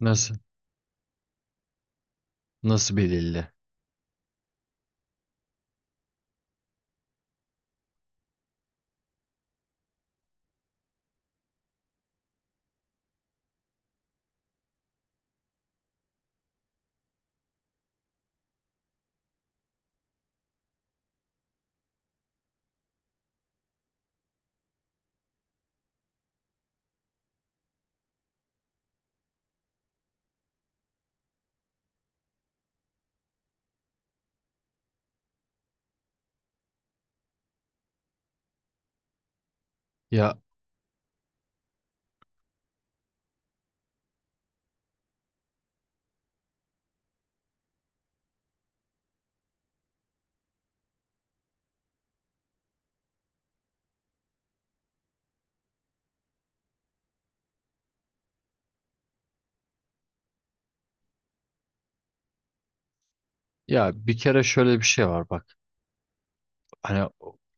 Nasıl? Nasıl belirli? Ya ya bir kere şöyle bir şey var bak. Hani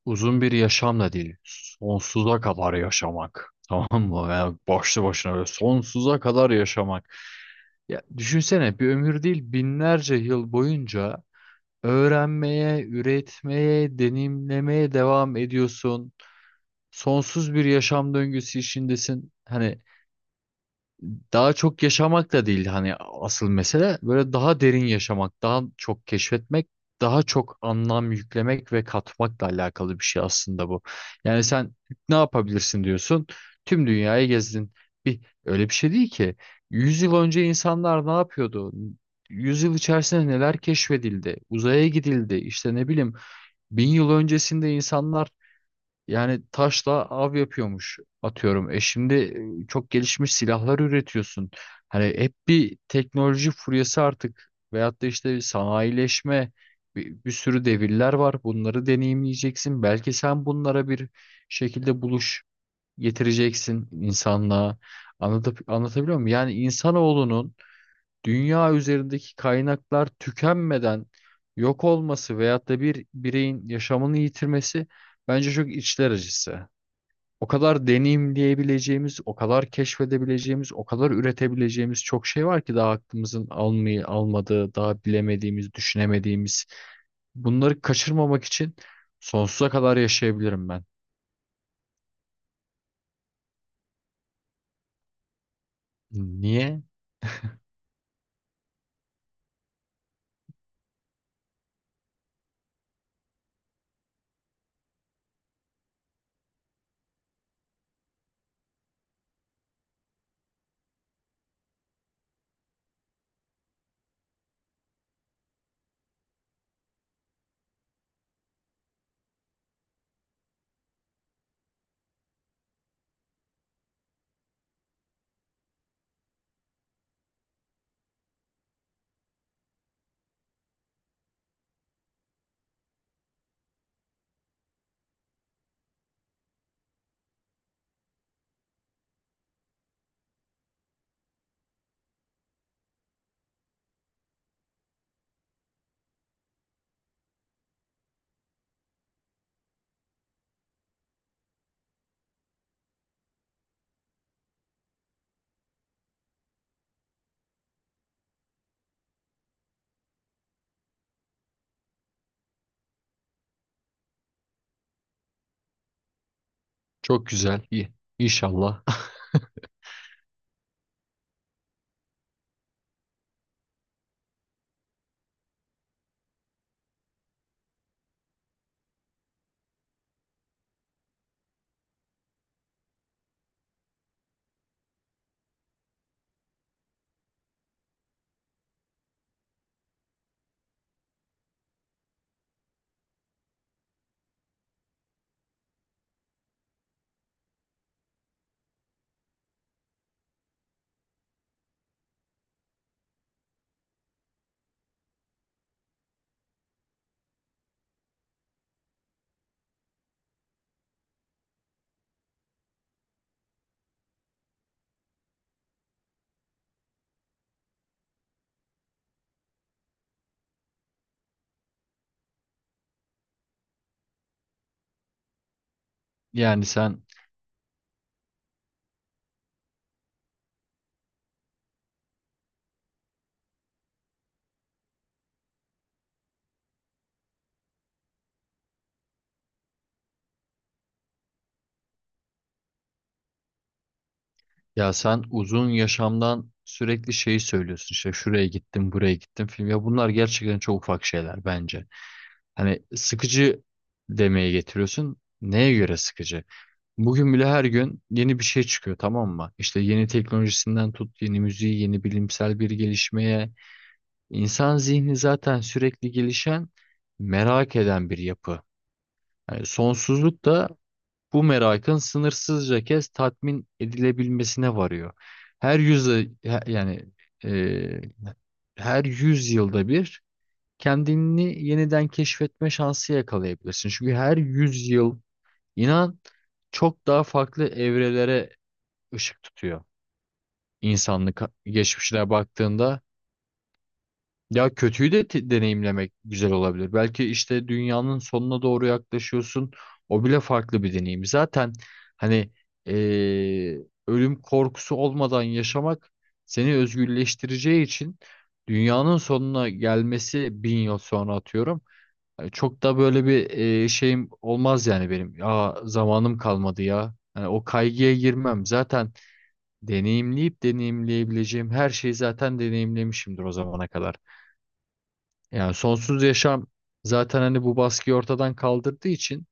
uzun bir yaşam da değil. Sonsuza kadar yaşamak. Tamam mı? Yani başlı başına böyle sonsuza kadar yaşamak. Ya düşünsene bir ömür değil binlerce yıl boyunca öğrenmeye, üretmeye, deneyimlemeye devam ediyorsun. Sonsuz bir yaşam döngüsü içindesin. Hani daha çok yaşamak da değil, hani asıl mesele böyle daha derin yaşamak, daha çok keşfetmek, daha çok anlam yüklemek ve katmakla alakalı bir şey aslında bu. Yani sen ne yapabilirsin diyorsun? Tüm dünyayı gezdin. Bir öyle bir şey değil ki. 100 yıl önce insanlar ne yapıyordu? 100 yıl içerisinde neler keşfedildi? Uzaya gidildi. İşte ne bileyim, 1000 yıl öncesinde insanlar yani taşla av yapıyormuş atıyorum. E şimdi çok gelişmiş silahlar üretiyorsun. Hani hep bir teknoloji furyası artık veyahut da işte bir sanayileşme, bir sürü devirler var. Bunları deneyimleyeceksin. Belki sen bunlara bir şekilde buluş getireceksin insanlığa. Anlatabiliyor muyum? Yani insanoğlunun dünya üzerindeki kaynaklar tükenmeden yok olması veyahut da bir bireyin yaşamını yitirmesi, bence çok içler acısı. O kadar deneyimleyebileceğimiz, o kadar keşfedebileceğimiz, o kadar üretebileceğimiz çok şey var ki daha aklımızın almayı almadığı, daha bilemediğimiz, düşünemediğimiz. Bunları kaçırmamak için sonsuza kadar yaşayabilirim ben. Niye? Çok güzel. İyi. İnşallah. Yani sen ya sen uzun yaşamdan sürekli şeyi söylüyorsun, işte şuraya gittim, buraya gittim, film, ya bunlar gerçekten çok ufak şeyler bence. Hani sıkıcı demeye getiriyorsun. Neye göre sıkıcı? Bugün bile her gün yeni bir şey çıkıyor, tamam mı? İşte yeni teknolojisinden tut, yeni müziği, yeni bilimsel bir gelişmeye. İnsan zihni zaten sürekli gelişen, merak eden bir yapı. Yani sonsuzluk da bu merakın sınırsızca kez tatmin edilebilmesine varıyor. Her yüzyıl, yani e, her yüz yılda bir kendini yeniden keşfetme şansı yakalayabilirsin. Çünkü her yüz yıl, inan, çok daha farklı evrelere ışık tutuyor. İnsanlık geçmişine baktığında, ya kötüyü de deneyimlemek güzel olabilir. Belki işte dünyanın sonuna doğru yaklaşıyorsun. O bile farklı bir deneyim. Zaten hani eee, ölüm korkusu olmadan yaşamak seni özgürleştireceği için, dünyanın sonuna gelmesi 1000 yıl sonra, atıyorum. Hani çok da böyle bir şeyim olmaz yani benim. Ya zamanım kalmadı ya. Hani o kaygıya girmem. Zaten deneyimleyip deneyimleyebileceğim her şeyi zaten deneyimlemişimdir o zamana kadar. Yani sonsuz yaşam zaten hani bu baskıyı ortadan kaldırdığı için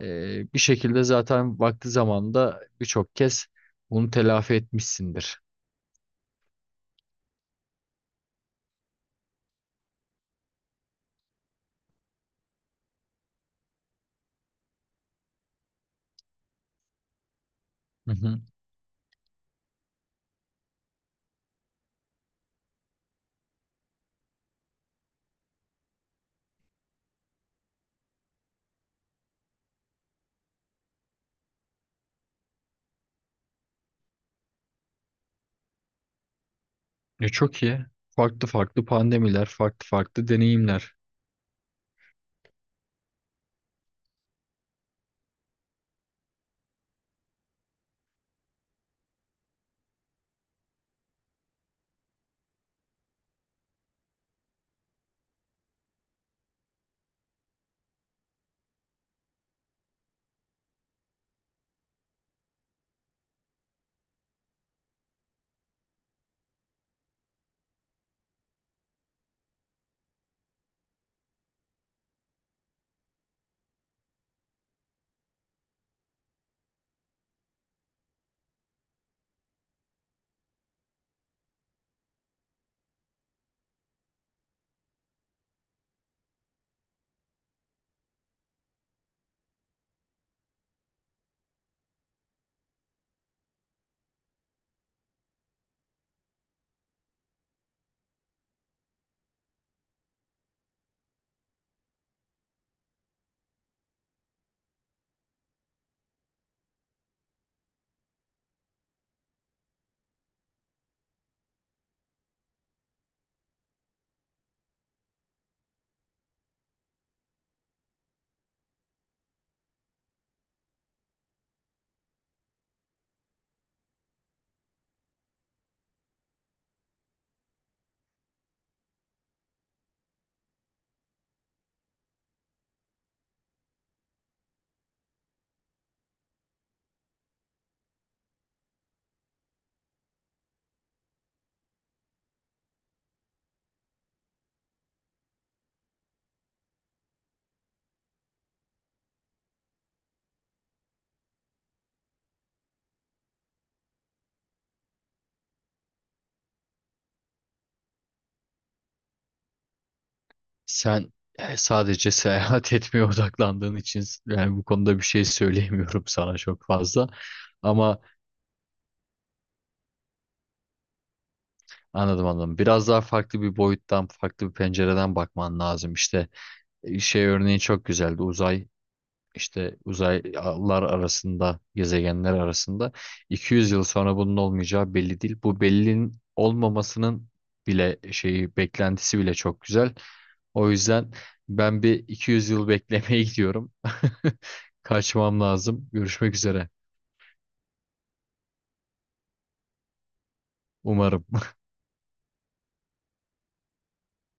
bir şekilde zaten vakti zamanında birçok kez bunu telafi etmişsindir. Hı hı. E, çok iyi. Farklı farklı pandemiler, farklı farklı deneyimler. Sen sadece seyahat etmeye odaklandığın için yani, bu konuda bir şey söyleyemiyorum sana çok fazla. Ama Anladım, anladım. Biraz daha farklı bir boyuttan, farklı bir pencereden bakman lazım. İşte şey örneği çok güzeldi. Uzay, işte uzaylar arasında, gezegenler arasında 200 yıl sonra bunun olmayacağı belli değil. Bu bellinin olmamasının bile şeyi, beklentisi bile çok güzel. O yüzden ben bir 200 yıl beklemeye gidiyorum. Kaçmam lazım. Görüşmek üzere. Umarım.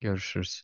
Görüşürüz.